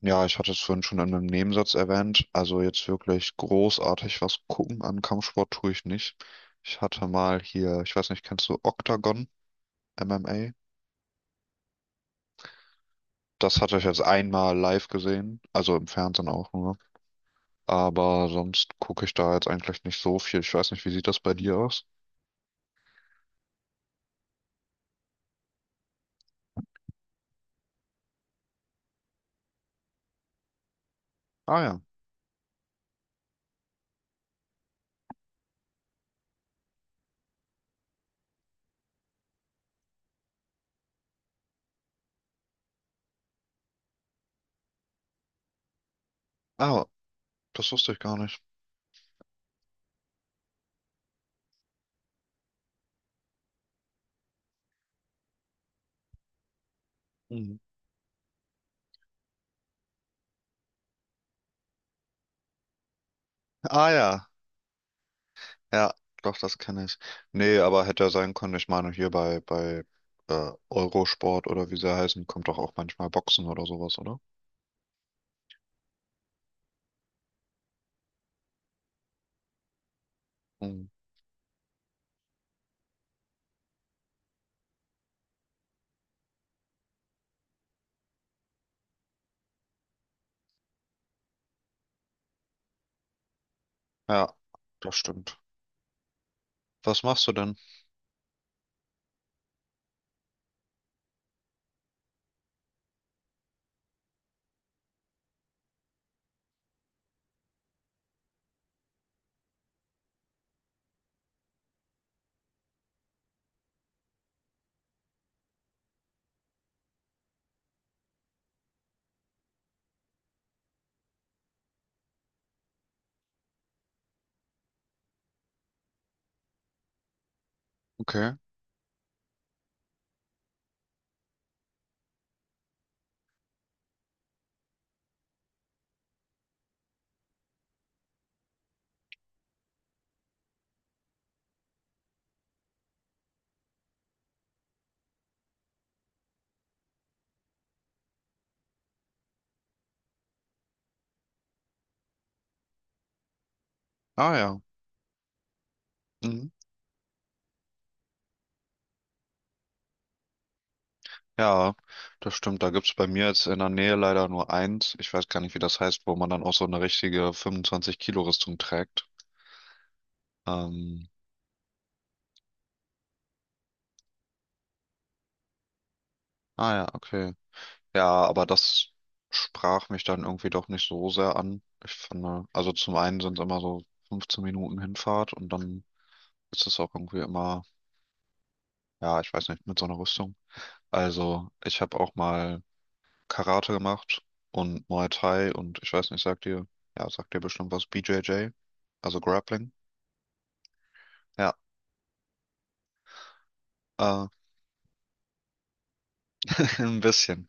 Ja, ich hatte es vorhin schon in einem Nebensatz erwähnt. Also jetzt wirklich großartig was gucken an Kampfsport tue ich nicht. Ich hatte mal hier, ich weiß nicht, kennst du Octagon MMA? Das hatte ich jetzt einmal live gesehen, also im Fernsehen auch nur. Aber sonst gucke ich da jetzt eigentlich nicht so viel. Ich weiß nicht, wie sieht das bei dir aus? Ah ja. Ah, das wusste ich gar nicht. Mhm. Ah ja. Ja, doch, das kenne ich. Nee, aber hätte ja sein können. Ich meine, hier bei Eurosport oder wie sie heißen, kommt doch auch manchmal Boxen oder sowas, oder? Mhm. Ja, das stimmt. Was machst du denn? Okay. Ah ja. Mhm. Ja, das stimmt. Da gibt's bei mir jetzt in der Nähe leider nur eins. Ich weiß gar nicht, wie das heißt, wo man dann auch so eine richtige 25-Kilo-Rüstung trägt. Ähm, ah ja, okay. Ja, aber das sprach mich dann irgendwie doch nicht so sehr an. Ich fand, also zum einen sind es immer so 15 Minuten Hinfahrt und dann ist es auch irgendwie immer, ja, ich weiß nicht, mit so einer Rüstung. Also ich habe auch mal Karate gemacht und Muay Thai und ich weiß nicht, sagt dir, ja, sagt dir bestimmt was, BJJ, also Grappling. Ja, äh, ein bisschen.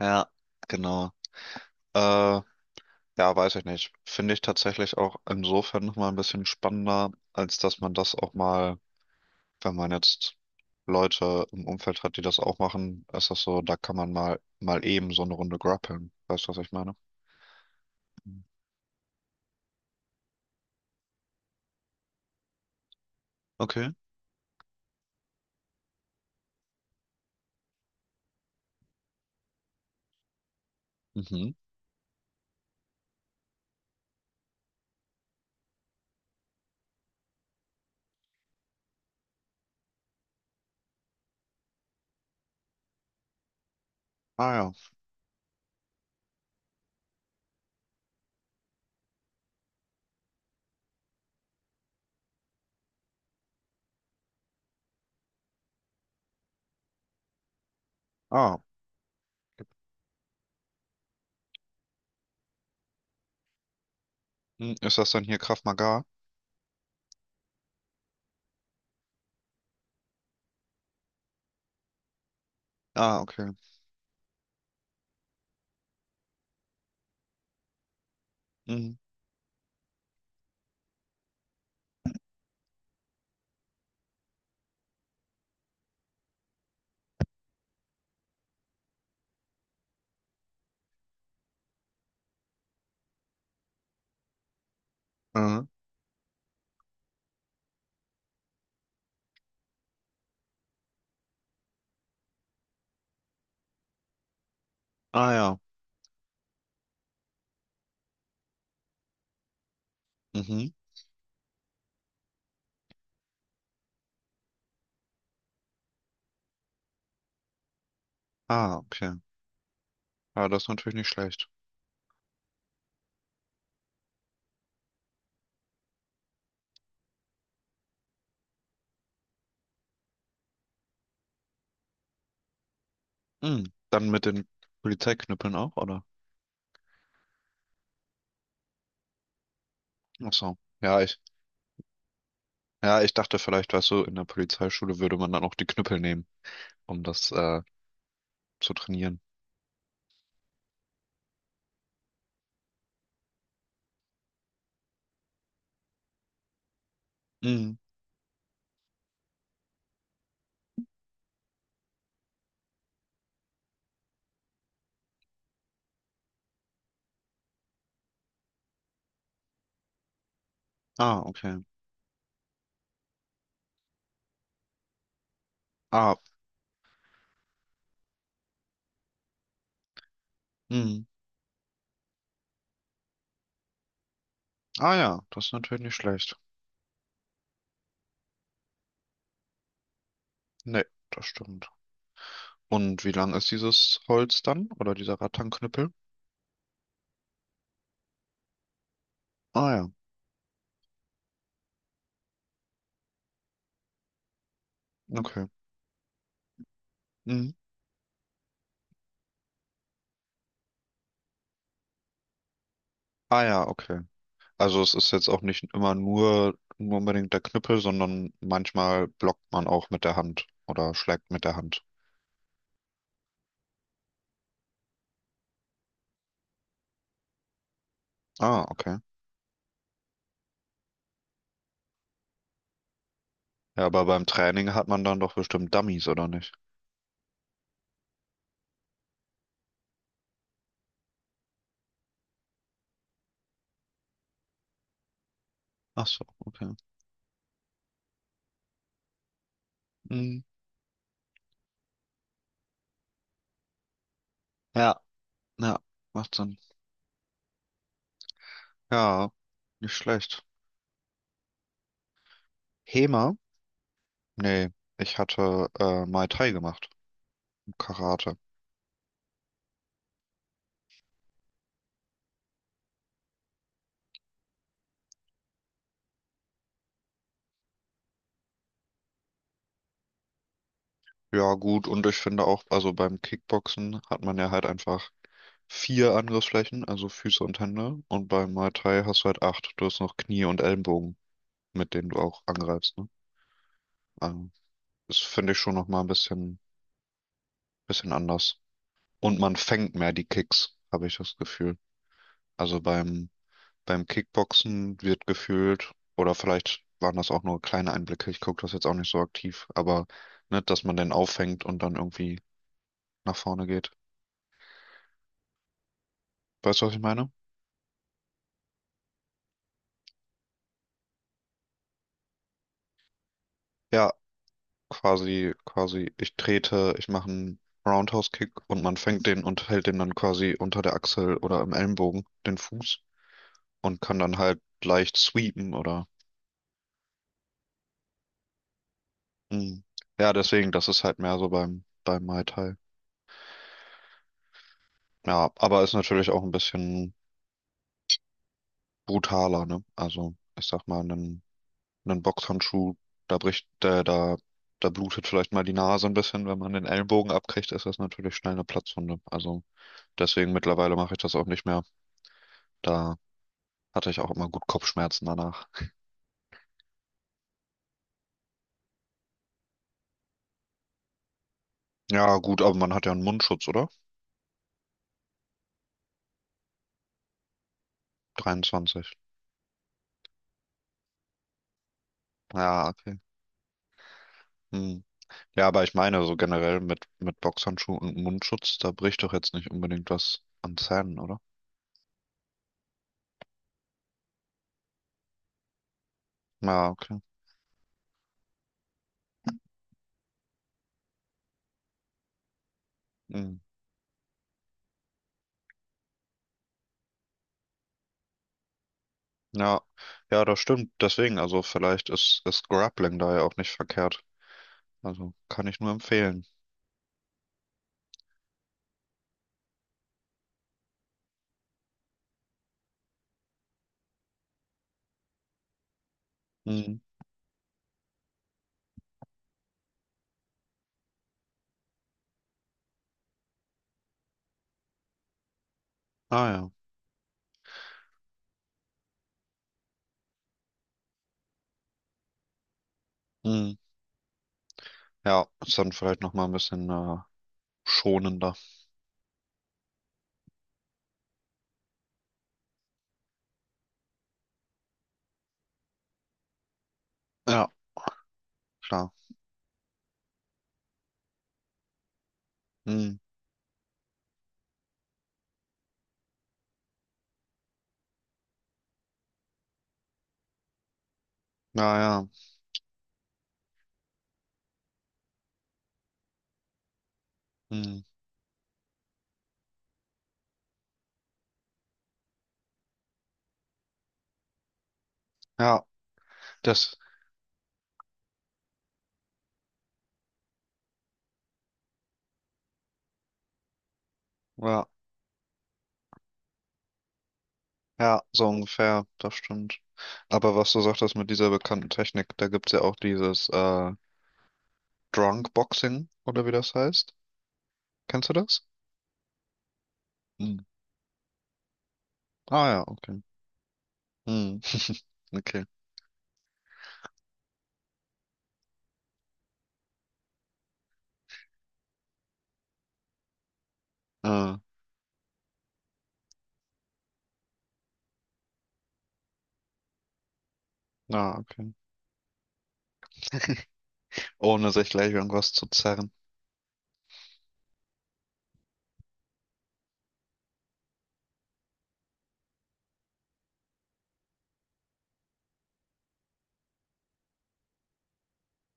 Ja, genau. Äh, ja, weiß ich nicht. Finde ich tatsächlich auch insofern nochmal ein bisschen spannender, als dass man das auch mal wenn man jetzt Leute im Umfeld hat, die das auch machen, ist das so, da kann man mal eben so eine Runde grappeln. Weißt du, was ich meine? Mhm. Okay. Mhm. Ah ja. Ah. Hm, ist das dann hier Krav Maga? Ah, okay. Mhm. Mhm. Ah ja. Mhm. Ah, okay. Ja, das ist natürlich nicht schlecht. Mhm. Dann mit den Polizeiknüppeln auch, oder? Ach so. Ja, ich dachte vielleicht, weißt du, in der Polizeischule würde man dann auch die Knüppel nehmen, um das zu trainieren. Mhm. Ah, okay. Ah, mhm. Ah ja, das ist natürlich nicht schlecht. Nee, das stimmt. Und wie lang ist dieses Holz dann? Oder dieser Rattanknüppel? Ah ja, okay. Mhm. Ah ja, okay. Also es ist jetzt auch nicht immer nur unbedingt der Knüppel, sondern manchmal blockt man auch mit der Hand oder schlägt mit der Hand. Ah, okay. Ja, aber beim Training hat man dann doch bestimmt Dummies, oder nicht? Ach so, okay. Mhm. Ja, ja, macht Sinn. Ja, nicht schlecht. HEMA? Nee, ich hatte Muay Thai gemacht, Karate. Ja, gut, und ich finde auch, also beim Kickboxen hat man ja halt einfach vier Angriffsflächen, also Füße und Hände. Und beim Muay Thai hast du halt acht. Du hast noch Knie und Ellenbogen, mit denen du auch angreifst, ne? Also, das finde ich schon nochmal ein bisschen anders. Und man fängt mehr die Kicks, habe ich das Gefühl. Also beim Kickboxen wird gefühlt, oder vielleicht waren das auch nur kleine Einblicke, ich gucke das jetzt auch nicht so aktiv, aber ne, dass man den auffängt und dann irgendwie nach vorne geht. Weißt du, was ich meine? Ja, quasi, ich trete, ich mache einen Roundhouse-Kick und man fängt den und hält den dann quasi unter der Achsel oder im Ellenbogen, den Fuß, und kann dann halt leicht sweepen oder. Mm. Ja, deswegen, das ist halt mehr so beim Muay Thai. Ja, aber ist natürlich auch ein bisschen brutaler, ne? Also, ich sag mal, einen Boxhandschuh, da bricht, da blutet vielleicht mal die Nase ein bisschen, wenn man den Ellenbogen abkriegt, ist das natürlich schnell eine Platzwunde. Also, deswegen mittlerweile mache ich das auch nicht mehr. Da hatte ich auch immer gut Kopfschmerzen danach. Ja, gut, aber man hat ja einen Mundschutz, oder? 23. Ja, okay. Hm. Ja, aber ich meine, so generell mit Boxhandschuh und Mundschutz, da bricht doch jetzt nicht unbedingt was an Zähnen, oder? Ja, okay. Hm. Ja, ja, das stimmt. Deswegen, also vielleicht ist Grappling da ja auch nicht verkehrt. Also kann ich nur empfehlen. Hm. Ah ja. Hm. Ja, ist dann vielleicht nochmal ein bisschen schonender. Ja, klar. Hm. Ja, ja. Hm. Ja, das. Ja, ja, so ungefähr, das stimmt. Aber was du sagtest mit dieser bekannten Technik, da gibt's ja auch dieses Drunk Boxing oder wie das heißt. Kennst du das? Hm. Ah ja, okay. Hm. Okay. Ah, ah, okay. Ohne sich gleich irgendwas zu zerren.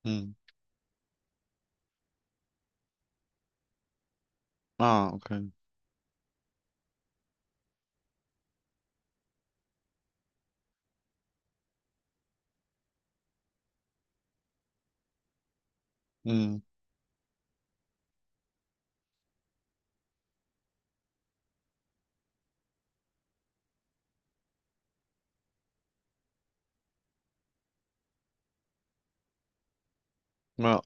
Hm. Ah, okay. Hm. Ja.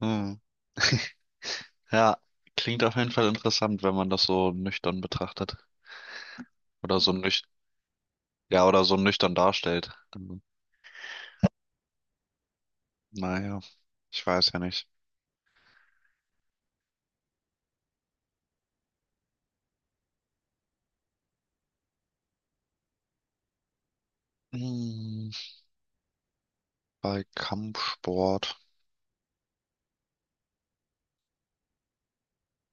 Hm. Ja, klingt auf jeden Fall interessant, wenn man das so nüchtern betrachtet. Oder so nüch Ja, oder so nüchtern darstellt. Also, naja, ich weiß ja nicht. Hm. Bei kampfsport